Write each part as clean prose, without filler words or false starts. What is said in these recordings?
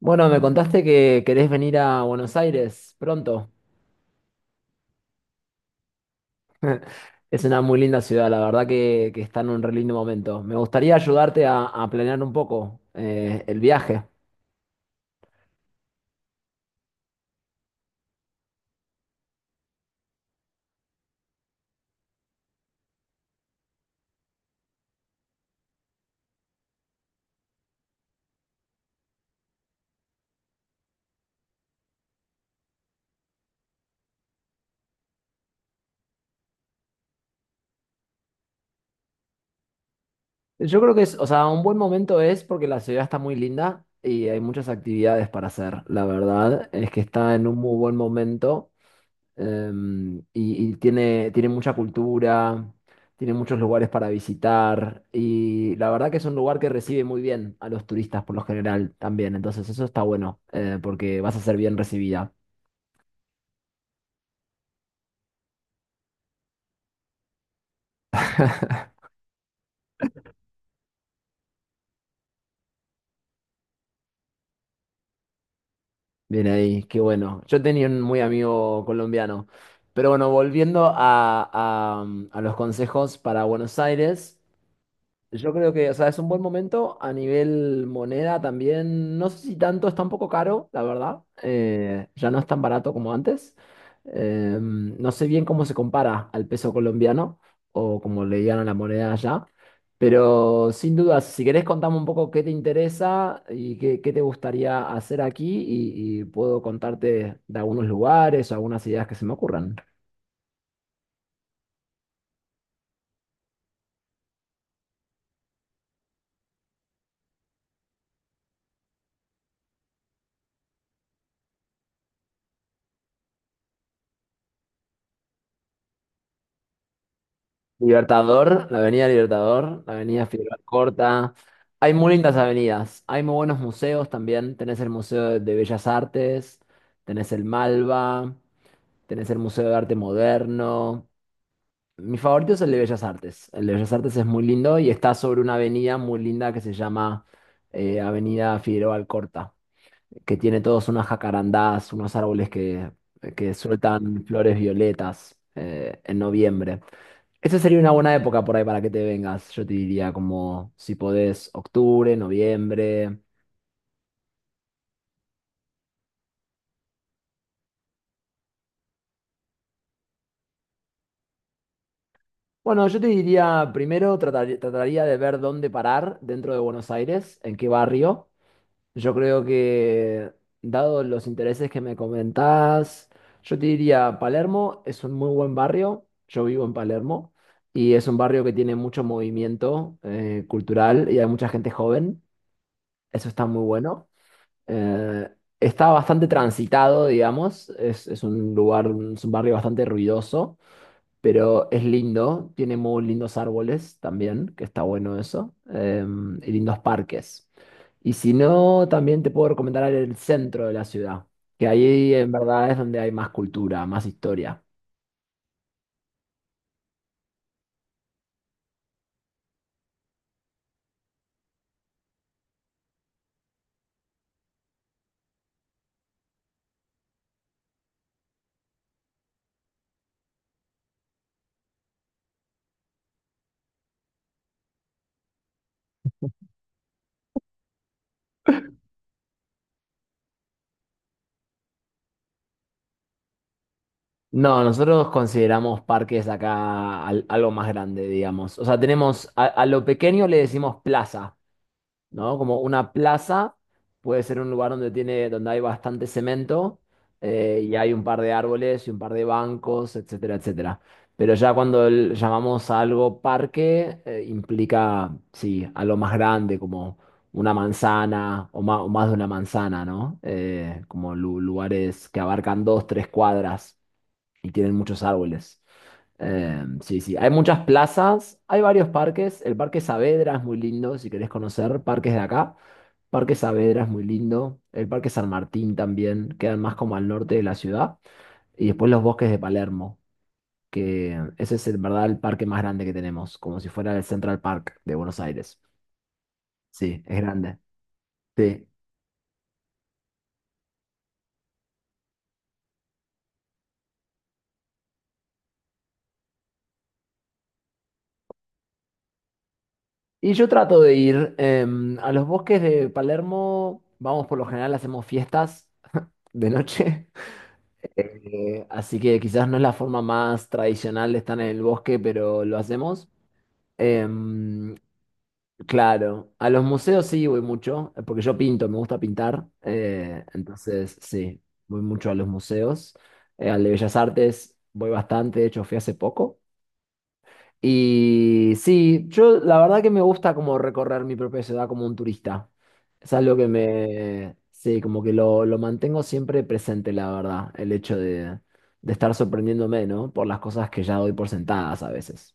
Bueno, me contaste que querés venir a Buenos Aires pronto. Es una muy linda ciudad, la verdad que está en un re lindo momento. Me gustaría ayudarte a planear un poco el viaje. Yo creo que es, o sea, un buen momento es porque la ciudad está muy linda y hay muchas actividades para hacer. La verdad es que está en un muy buen momento. Y tiene mucha cultura, tiene muchos lugares para visitar y la verdad que es un lugar que recibe muy bien a los turistas por lo general también, entonces eso está bueno porque vas a ser bien recibida. Bien ahí, qué bueno. Yo tenía un muy amigo colombiano, pero bueno, volviendo a los consejos para Buenos Aires. Yo creo que, o sea, es un buen momento a nivel moneda también. No sé si tanto, está un poco caro, la verdad. Ya no es tan barato como antes. No sé bien cómo se compara al peso colombiano o como le digan a la moneda allá. Pero sin duda, si querés contame un poco qué te interesa y qué te gustaría hacer aquí y puedo contarte de algunos lugares o algunas ideas que se me ocurran. Libertador, la Avenida Figueroa Corta. Hay muy lindas avenidas. Hay muy buenos museos también. Tenés el Museo de Bellas Artes, tenés el Malva, tenés el Museo de Arte Moderno. Mi favorito es el de Bellas Artes. El de Bellas Artes es muy lindo y está sobre una avenida muy linda que se llama Avenida Figueroa Corta, que tiene todos unas jacarandás, unos árboles que sueltan flores violetas en noviembre. Esa sería una buena época por ahí para que te vengas. Yo te diría como si podés, octubre, noviembre. Bueno, yo te diría, primero trataría de ver dónde parar dentro de Buenos Aires, en qué barrio. Yo creo que, dado los intereses que me comentás, yo te diría, Palermo es un muy buen barrio. Yo vivo en Palermo y es un barrio que tiene mucho movimiento cultural y hay mucha gente joven. Eso está muy bueno. Eh, Está bastante transitado, digamos. Es un lugar, es un barrio bastante ruidoso, pero es lindo. Tiene muy lindos árboles también, que está bueno eso. Y lindos parques. Y si no, también te puedo recomendar el centro de la ciudad, que ahí en verdad es donde hay más cultura, más historia. No, nosotros consideramos parques acá algo más grande, digamos. O sea, tenemos a lo pequeño le decimos plaza, ¿no? Como una plaza puede ser un lugar donde hay bastante cemento y hay un par de árboles y un par de bancos, etcétera, etcétera. Pero ya cuando llamamos a algo parque, implica, sí, algo más grande, como una manzana o más de una manzana, ¿no? Como lugares que abarcan dos, tres cuadras y tienen muchos árboles. Sí, sí, hay muchas plazas, hay varios parques. El Parque Saavedra es muy lindo, si querés conocer parques de acá. Parque Saavedra es muy lindo. El Parque San Martín también, quedan más como al norte de la ciudad. Y después los bosques de Palermo, que ese es en verdad el parque más grande que tenemos, como si fuera el Central Park de Buenos Aires. Sí, es grande. Sí. Y yo trato de ir a los bosques de Palermo, vamos por lo general, hacemos fiestas de noche. Así que quizás no es la forma más tradicional de estar en el bosque, pero lo hacemos. Em, claro, a los museos sí voy mucho, porque yo pinto, me gusta pintar. Entonces, sí, voy mucho a los museos. Al de Bellas Artes voy bastante, de hecho fui hace poco. Y sí, yo la verdad que me gusta como recorrer mi propia ciudad como un turista. Es algo que me, sí, como que lo mantengo siempre presente, la verdad, el hecho de estar sorprendiéndome, ¿no? Por las cosas que ya doy por sentadas a veces.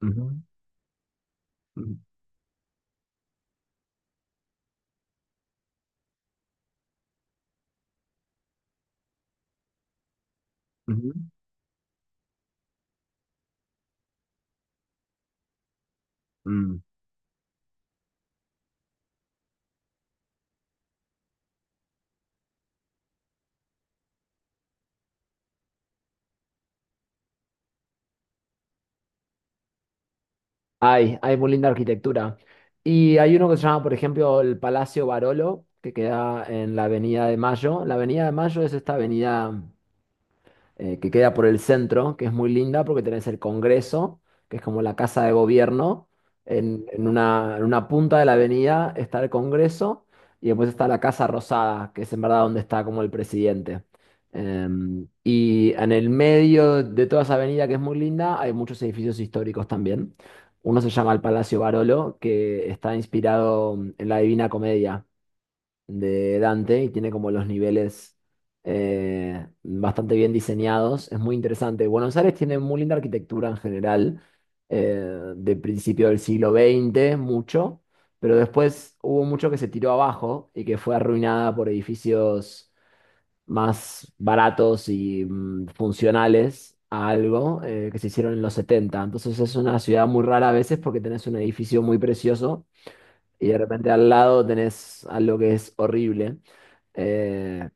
Ujú, ujú, ujú, mm. Hay muy linda arquitectura. Y hay uno que se llama, por ejemplo, el Palacio Barolo, que queda en la Avenida de Mayo. La Avenida de Mayo es esta avenida que queda por el centro, que es muy linda porque tenés el Congreso, que es como la casa de gobierno. En una punta de la avenida está el Congreso y después está la Casa Rosada, que es en verdad donde está como el presidente. Y en el medio de toda esa avenida que es muy linda hay muchos edificios históricos también. Uno se llama el Palacio Barolo, que está inspirado en la Divina Comedia de Dante y tiene como los niveles bastante bien diseñados. Es muy interesante. Buenos Aires tiene muy linda arquitectura en general, de principio del siglo XX mucho, pero después hubo mucho que se tiró abajo y que fue arruinada por edificios más baratos y funcionales. A algo que se hicieron en los setenta. Entonces es una ciudad muy rara a veces porque tenés un edificio muy precioso, y de repente al lado tenés algo que es horrible. Eh,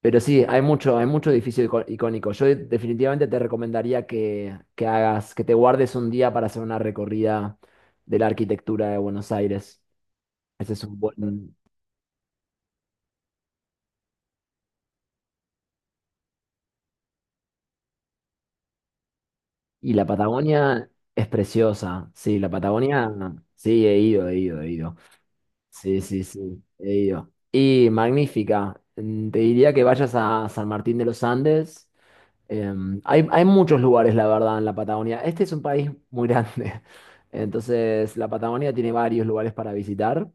pero sí, hay mucho edificio icónico. Yo definitivamente te recomendaría que hagas, que te guardes un día para hacer una recorrida de la arquitectura de Buenos Aires. Ese es un buen. Y la Patagonia es preciosa. Sí, la Patagonia, sí, he ido, he ido, he ido. Sí, sí, sí, he ido. Y magnífica. Te diría que vayas a San Martín de los Andes. Hay muchos lugares, la verdad, en la Patagonia. Este es un país muy grande. Entonces, la Patagonia tiene varios lugares para visitar,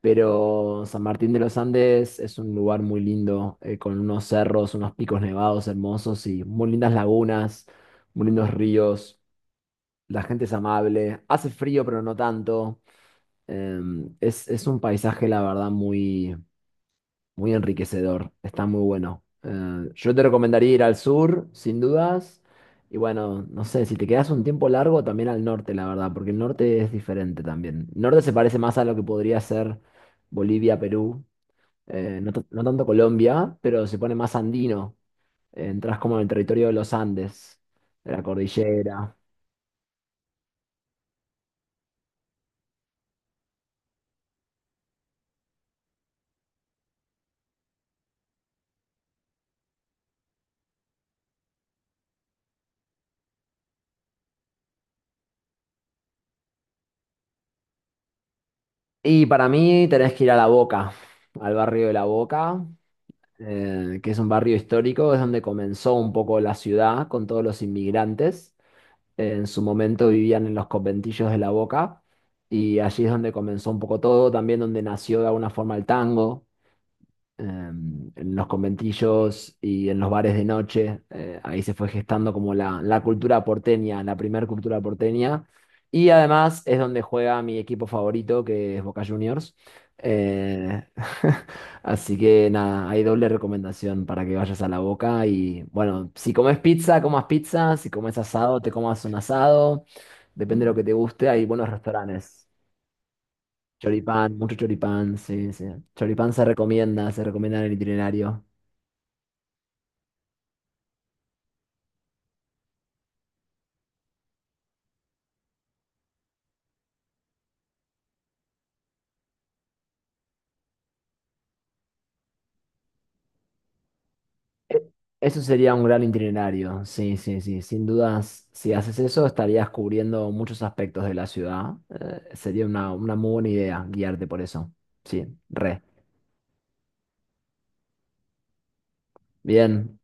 pero San Martín de los Andes es un lugar muy lindo, con unos cerros, unos picos nevados hermosos y muy lindas lagunas, muy lindos ríos. La gente es amable. Hace frío, pero no tanto. Es un paisaje, la verdad, muy, muy enriquecedor, está muy bueno. Yo te recomendaría ir al sur, sin dudas. Y bueno, no sé, si te quedas un tiempo largo, también al norte, la verdad, porque el norte es diferente también. El norte se parece más a lo que podría ser Bolivia, Perú, no, no tanto Colombia, pero se pone más andino. Entras como en el territorio de los Andes, de la cordillera. Y para mí tenés que ir a La Boca, al barrio de La Boca. Que es un barrio histórico, es donde comenzó un poco la ciudad con todos los inmigrantes. En su momento vivían en los conventillos de La Boca y allí es donde comenzó un poco todo, también donde nació de alguna forma el tango en los conventillos y en los bares de noche. Ahí se fue gestando como la cultura porteña, la primer cultura porteña. Y además es donde juega mi equipo favorito, que es Boca Juniors. Eh, Así que nada, hay doble recomendación para que vayas a la Boca. Y bueno, si comes pizza, comas pizza. Si comes asado, te comas un asado. Depende de lo que te guste, hay buenos restaurantes. Choripán, mucho choripán, sí, sí. Choripán se recomienda en el itinerario. E- Eso sería un gran itinerario, sí, sí, sí. Sin dudas, si haces eso, estarías cubriendo muchos aspectos de la ciudad. Sería una muy buena idea guiarte por eso. Sí, re. Bien.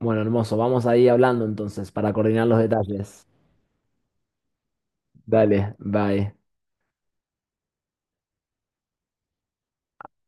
Bueno, hermoso. Vamos ahí hablando entonces para coordinar los detalles. Dale, bye.